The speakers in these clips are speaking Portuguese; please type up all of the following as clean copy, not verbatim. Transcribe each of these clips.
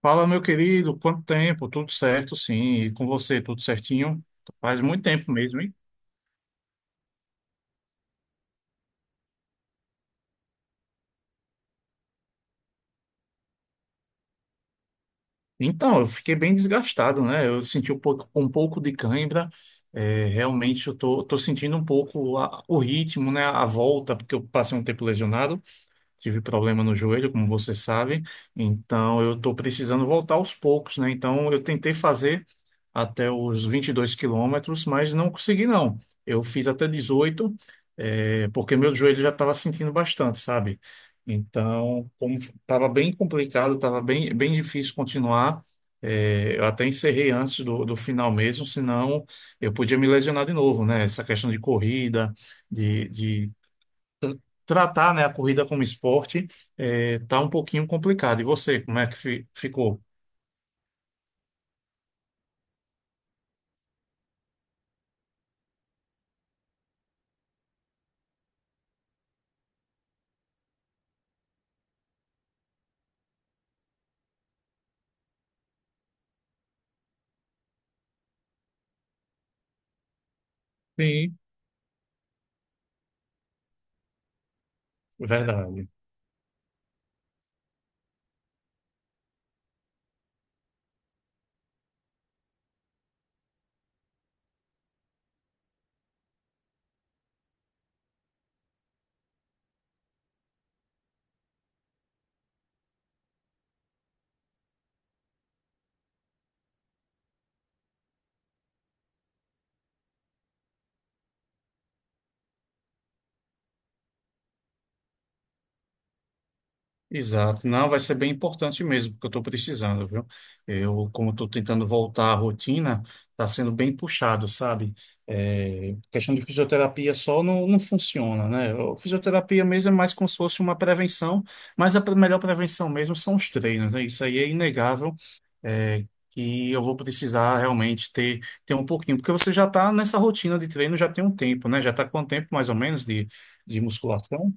Fala, meu querido, quanto tempo? Tudo certo, sim. E com você, tudo certinho? Faz muito tempo mesmo, hein? Então, eu fiquei bem desgastado, né? Eu senti um pouco de cãibra. É, realmente, eu tô sentindo um pouco o ritmo, né? A volta, porque eu passei um tempo lesionado. Tive problema no joelho, como você sabe, então eu estou precisando voltar aos poucos, né? Então eu tentei fazer até os 22 quilômetros, mas não consegui, não. Eu fiz até 18, porque meu joelho já estava sentindo bastante, sabe? Então, como estava bem complicado, estava bem difícil continuar. Eh, eu até encerrei antes do final mesmo, senão eu podia me lesionar de novo, né? Essa questão de corrida, de tratar, né, a corrida como esporte é, tá um pouquinho complicado. E você, como é que ficou? Sim. Verdade. Exato. Não, vai ser bem importante mesmo, porque eu estou precisando, viu? Eu, como estou tentando voltar à rotina, está sendo bem puxado, sabe? É, questão de fisioterapia só não funciona, né? Fisioterapia mesmo é mais como se fosse uma prevenção, mas a melhor prevenção mesmo são os treinos, né? Isso aí é inegável. é, que eu vou precisar realmente ter um pouquinho, porque você já está nessa rotina de treino já tem um tempo, né? Já está com um tempo mais ou menos de musculação.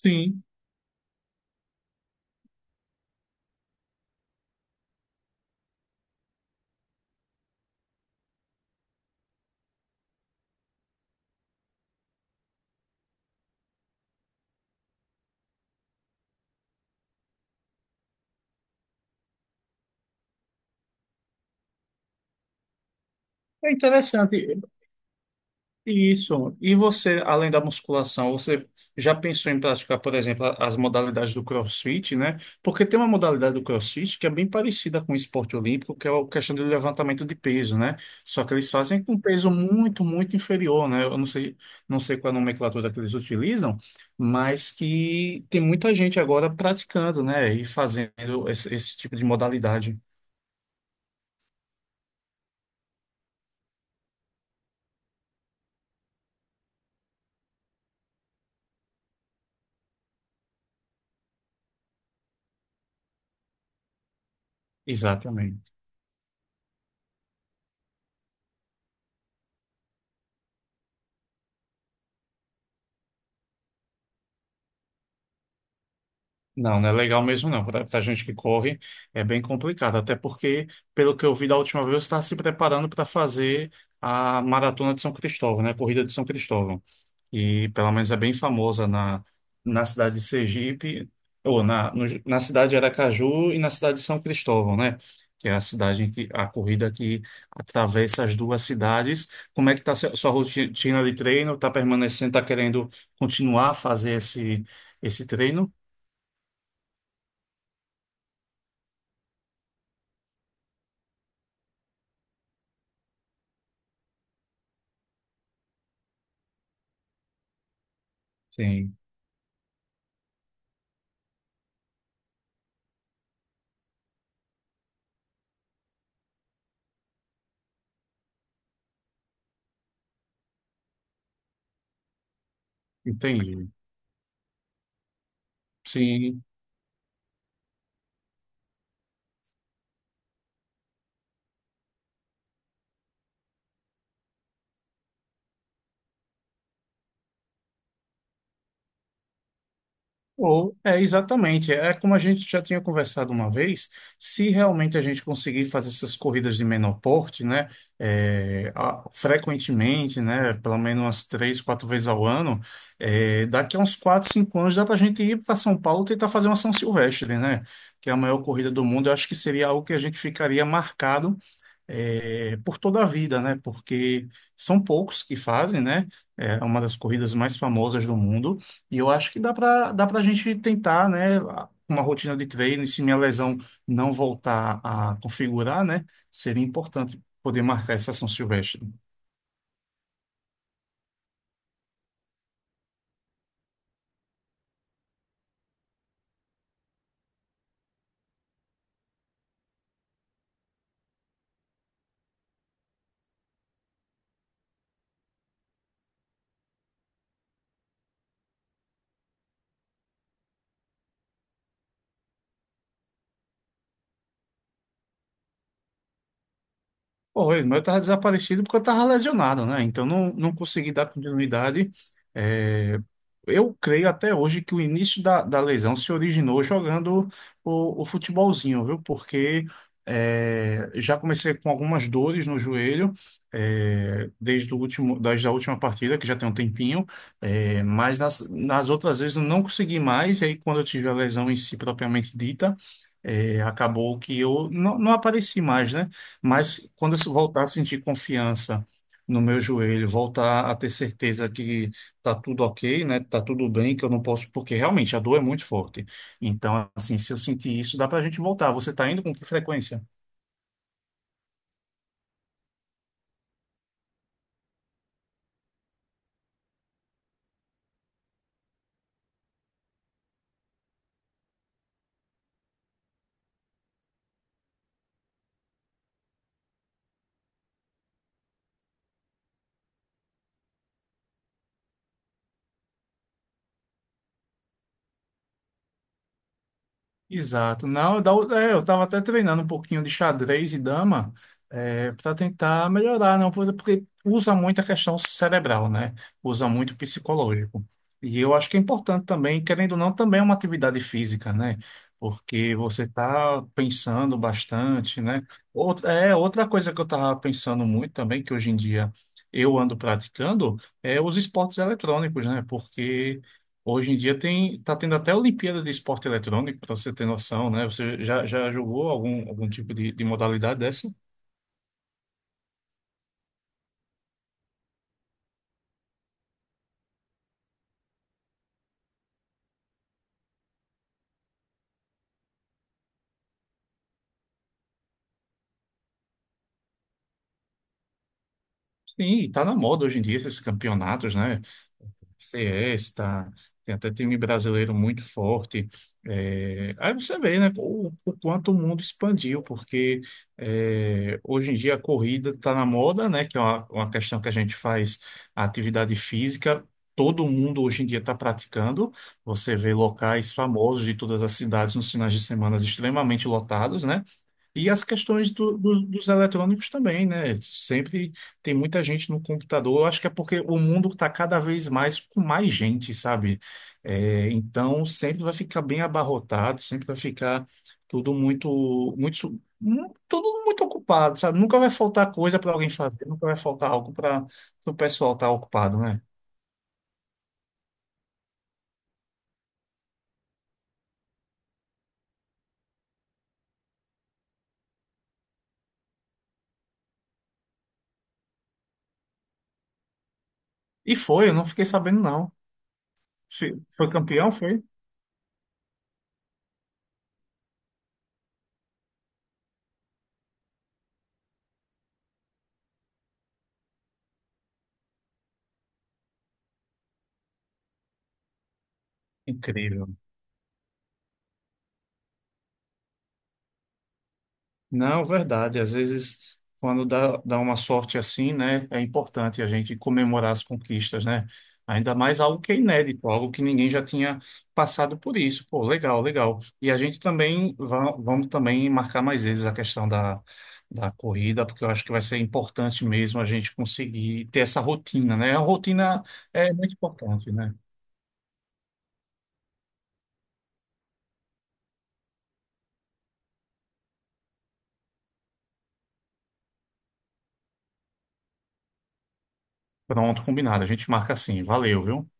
Sim, é interessante. Isso. E você, além da musculação, você já pensou em praticar, por exemplo, as modalidades do CrossFit, né? Porque tem uma modalidade do CrossFit que é bem parecida com o esporte olímpico, que é a questão do levantamento de peso, né? Só que eles fazem com um peso muito, muito inferior, né? Eu não sei qual é a nomenclatura que eles utilizam, mas que tem muita gente agora praticando, né? E fazendo esse tipo de modalidade. Exatamente. Não, não é legal mesmo não. Para a gente que corre é bem complicado, até porque, pelo que eu vi da última vez, você está se preparando para fazer a Maratona de São Cristóvão, né? A Corrida de São Cristóvão. E pelo menos é bem famosa na cidade de Sergipe, ou na, no- na cidade de Aracaju e na cidade de São Cristóvão, né? Que é a cidade em que a corrida que atravessa as duas cidades. Como é que está sua rotina de treino? Está permanecendo, está querendo continuar a fazer esse treino? Sim. Entendi. Sim. Ou é exatamente, é como a gente já tinha conversado uma vez, se realmente a gente conseguir fazer essas corridas de menor porte, né, frequentemente, né, pelo menos umas três, quatro vezes ao ano, daqui a uns 4, 5 anos dá para a gente ir para São Paulo tentar fazer uma São Silvestre, né, que é a maior corrida do mundo. Eu acho que seria algo que a gente ficaria marcado por toda a vida, né? Porque são poucos que fazem, né? É uma das corridas mais famosas do mundo. E eu acho que dá para a gente tentar, né? Uma rotina de treino, e se minha lesão não voltar a configurar, né? Seria importante poder marcar essa São Silvestre. Oi, mas eu estava desaparecido porque eu estava lesionado, né? Então não consegui dar continuidade. É, eu creio até hoje que o início da lesão se originou jogando o futebolzinho, viu? Porque já comecei com algumas dores no joelho, desde a última partida, que já tem um tempinho, mas nas outras vezes eu não consegui mais, e aí quando eu tive a lesão em si propriamente dita, acabou que eu não apareci mais, né? Mas quando eu voltar a sentir confiança no meu joelho, voltar a ter certeza que tá tudo ok, né? Tá tudo bem, que eu não posso, porque realmente a dor é muito forte. Então, assim, se eu sentir isso, dá pra gente voltar. Você tá indo com que frequência? Exato. Não, eu estava até treinando um pouquinho de xadrez e dama para tentar melhorar, não, porque usa muito a questão cerebral, né? Usa muito o psicológico. E eu acho que é importante também, querendo ou não, também é uma atividade física, né? Porque você está pensando bastante, né? Outra coisa que eu estava pensando muito também, que hoje em dia eu ando praticando, os esportes eletrônicos, né? Porque hoje em dia tá tendo até Olimpíada de Esporte Eletrônico, para você ter noção, né? Você já jogou algum tipo de modalidade dessa? Sim, e tá na moda hoje em dia esses campeonatos, né? Fiesta, tem até time brasileiro muito forte. É, aí você vê, né, o quanto o mundo expandiu, porque hoje em dia a corrida está na moda, né, que é uma questão que a gente faz a atividade física. Todo mundo hoje em dia está praticando. Você vê locais famosos de todas as cidades nos finais de semana extremamente lotados, né? E as questões dos eletrônicos também, né? Sempre tem muita gente no computador. Eu acho que é porque o mundo está cada vez mais com mais gente, sabe? É, então sempre vai ficar bem abarrotado, sempre vai ficar tudo muito ocupado, sabe? Nunca vai faltar coisa para alguém fazer, nunca vai faltar algo para o pessoal estar ocupado, né? E foi, eu não fiquei sabendo, não. Foi campeão, foi? Incrível. Não, verdade. Às vezes, quando dá uma sorte assim, né, é importante a gente comemorar as conquistas, né? Ainda mais algo que é inédito, algo que ninguém já tinha passado por isso. Pô, legal, legal. E a gente também vamos também marcar mais vezes a questão da corrida, porque eu acho que vai ser importante mesmo a gente conseguir ter essa rotina, né? A rotina é muito importante, né? Pronto, combinado. A gente marca assim. Valeu, viu?